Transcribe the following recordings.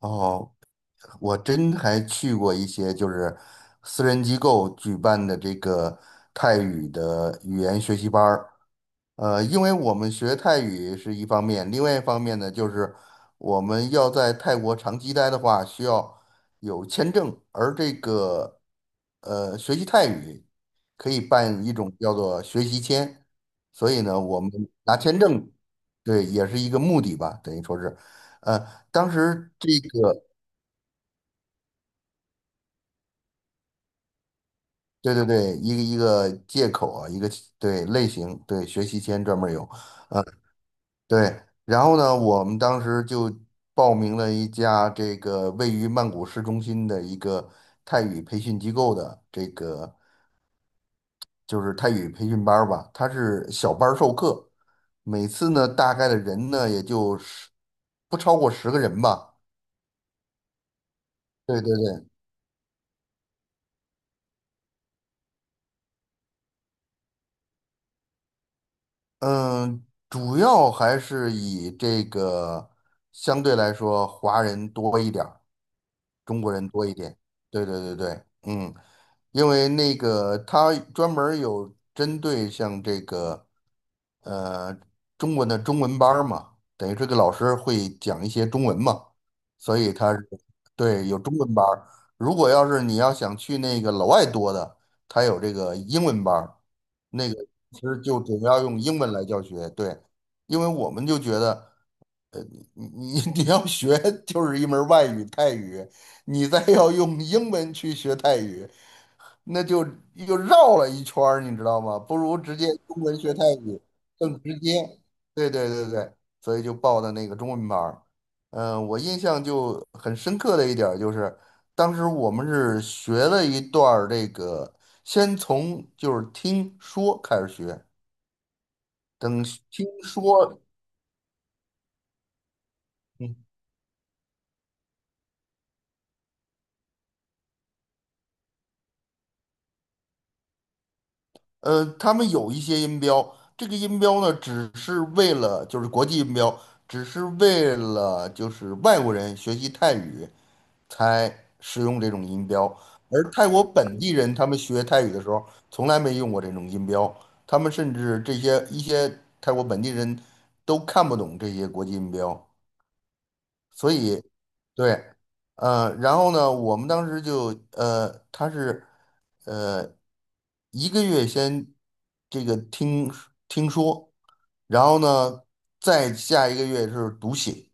哦，我真还去过一些就是私人机构举办的这个泰语的语言学习班儿。因为我们学泰语是一方面，另外一方面呢，就是我们要在泰国长期待的话，需要有签证，而这个学习泰语可以办一种叫做学习签，所以呢，我们拿签证，对，也是一个目的吧，等于说是，呃，当时这个。对对对，一个借口啊，一个对类型，对学习签专门有。对，然后呢，我们当时就报名了一家这个位于曼谷市中心的一个泰语培训机构的这个就是泰语培训班儿吧，它是小班儿授课，每次呢大概的人呢也就不超过10个人吧。对对对，嗯，主要还是以这个相对来说华人多一点。中国人多一点。对对对对，嗯，因为那个他专门儿有针对像这个呃中文的中文班儿嘛，等于这个老师会讲一些中文嘛，所以他是对有中文班儿。如果要是你要想去那个老外多的，他有这个英文班儿，那个其实就主要用英文来教学。对，因为我们就觉得。呃你你 你要学就是一门儿外语泰语，你再要用英文去学泰语，那就又绕了一圈儿，你知道吗？不如直接中文学泰语更直接。对对对对，所以就报的那个中文班儿。嗯、我印象就很深刻的一点儿就是，当时我们是学了一段儿这个，先从就是听说开始学，等听说。他们有一些音标，这个音标呢，只是为了就是国际音标，只是为了就是外国人学习泰语才使用这种音标，而泰国本地人他们学泰语的时候从来没用过这种音标，他们甚至这些一些泰国本地人都看不懂这些国际音标。所以，对，然后呢，我们当时就他是呃一个月先这个听说，然后呢，再下一个月是读写。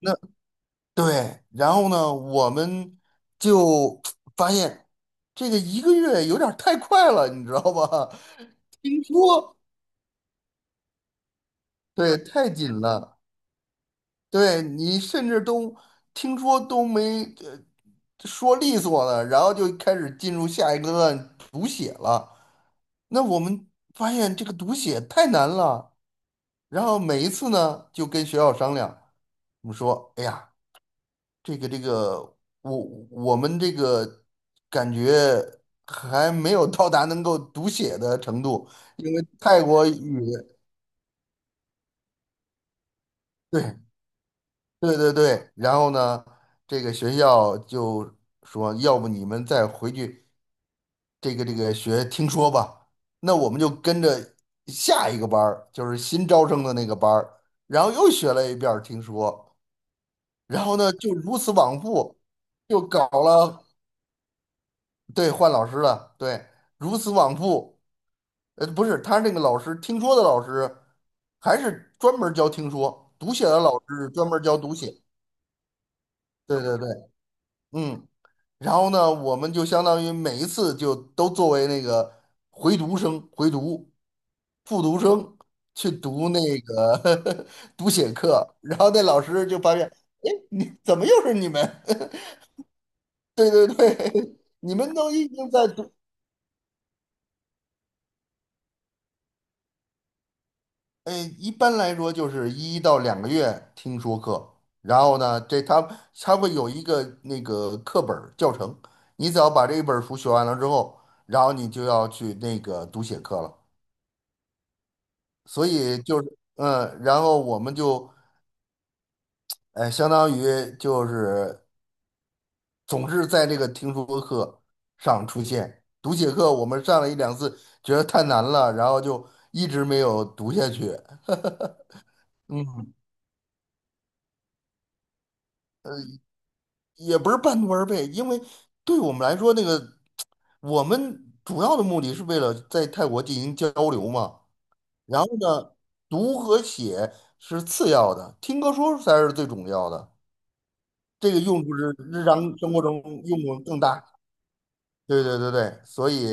那对，然后呢，我们就 发现这个一个月有点儿太快了，你知道吧？听说，对，太紧了。对你甚至都听说都没说利索了，然后就开始进入下一个段读写了。那我们发现这个读写太难了，然后每一次呢就跟学校商量，我们说，哎呀，这个，我我们这个感觉还没有到达能够读写的程度，因为泰国语。对。对对对，然后呢，这个学校就说，要不你们再回去这个学听说吧。那我们就跟着下一个班儿，就是新招生的那个班儿，然后又学了一遍儿听说，然后呢，就如此往复，就搞了，对，换老师了，对，如此往复。不是，他那个老师听说的老师，还是专门儿教听说，读写的老师是专门儿教读写。对对对，嗯。然后呢，我们就相当于每一次就都作为那个回读生、回读、复读生去读那个 读写课，然后那老师就发现，哎，你怎么又是你们？对对对，你们都已经在读，哎，一般来说就是1到2个月听说课，然后呢，这他会有一个那个课本儿教程，你只要把这一本儿书学完了之后，然后你就要去那个读写课了。所以就是，嗯，然后我们就，相当于就是，总是在这个听说课上出现。读写课我们上了一两次，觉得太难了，然后就一直没有读下去。嗯，也不是半途而废，因为对我们来说，那个我们主要的目的是为了在泰国进行交流嘛。然后呢，读和写是次要的，听和说才是最重要的。这个用处是日常生活中用处更大。对对对对，所以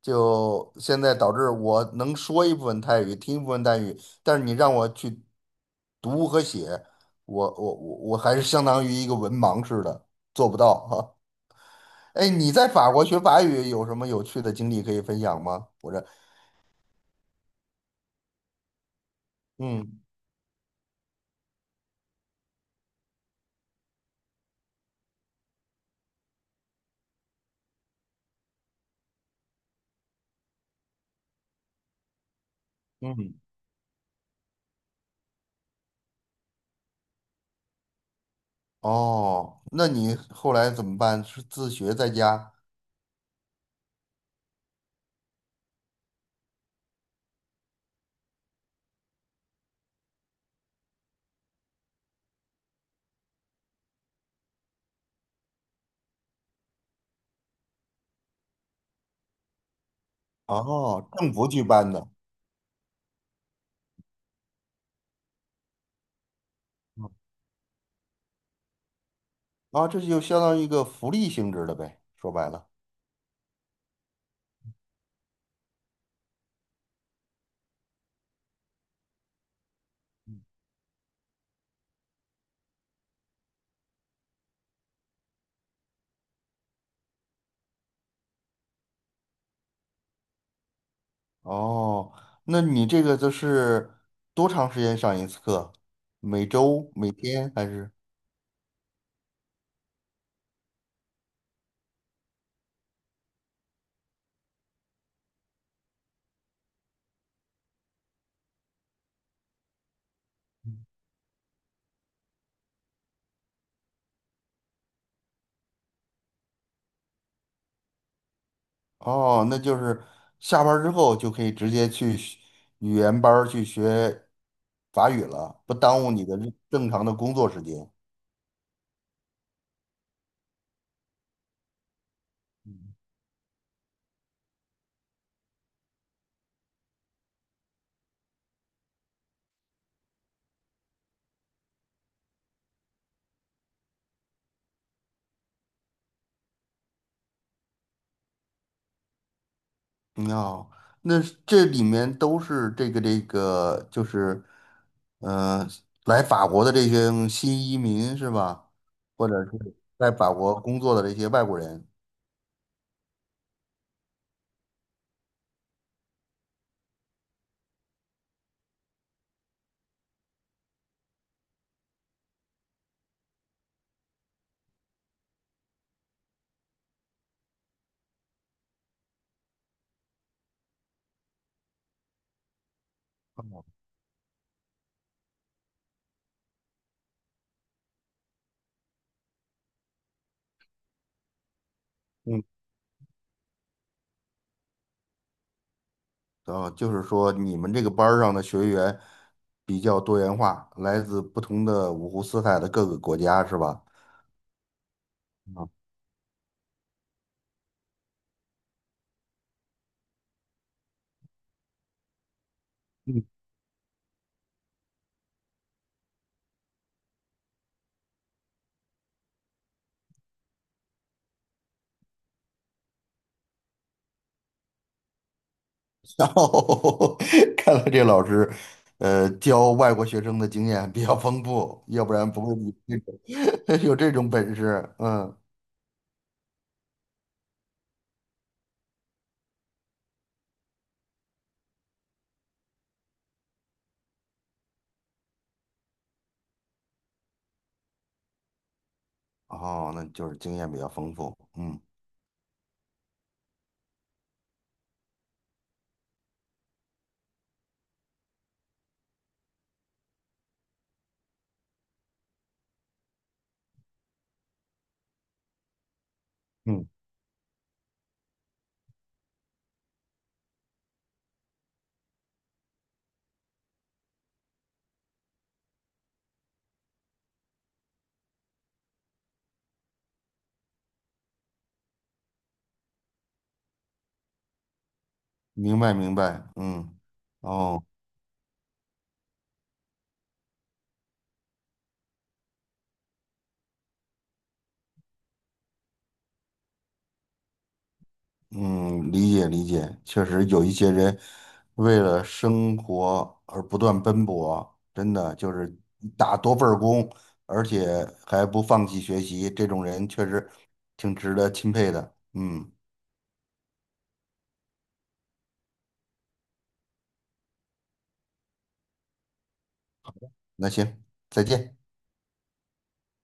就现在导致我能说一部分泰语，听一部分泰语，但是你让我去读和写，我还是相当于一个文盲似的，做不到哈。哎，你在法国学法语有什么有趣的经历可以分享吗？我这，嗯嗯，哦，那你后来怎么办？是自学在家？哦，政府举办的。啊，这就相当于一个福利性质的呗，说白了。哦，那你这个就是多长时间上一次课？每周、每天还是？哦，那就是下班儿之后就可以直接去学语言班儿去学法语了，不耽误你的正常的工作时间。嗯哦，那是这里面都是这个这个，就是，呃，来法国的这些新移民是吧？或者是在法国工作的这些外国人。哦嗯，哦，就是说你们这个班儿上的学员比较多元化，来自不同的五湖四海的各个国家是吧？啊，嗯然后 看来这老师，教外国学生的经验比较丰富，要不然不会有这种 有这种本事。嗯，哦，那就是经验比较丰富。嗯嗯，明白明白。嗯，哦，嗯，理解理解。确实有一些人为了生活而不断奔波，真的就是打多份儿工，而且还不放弃学习，这种人确实挺值得钦佩的。嗯。那行，再见。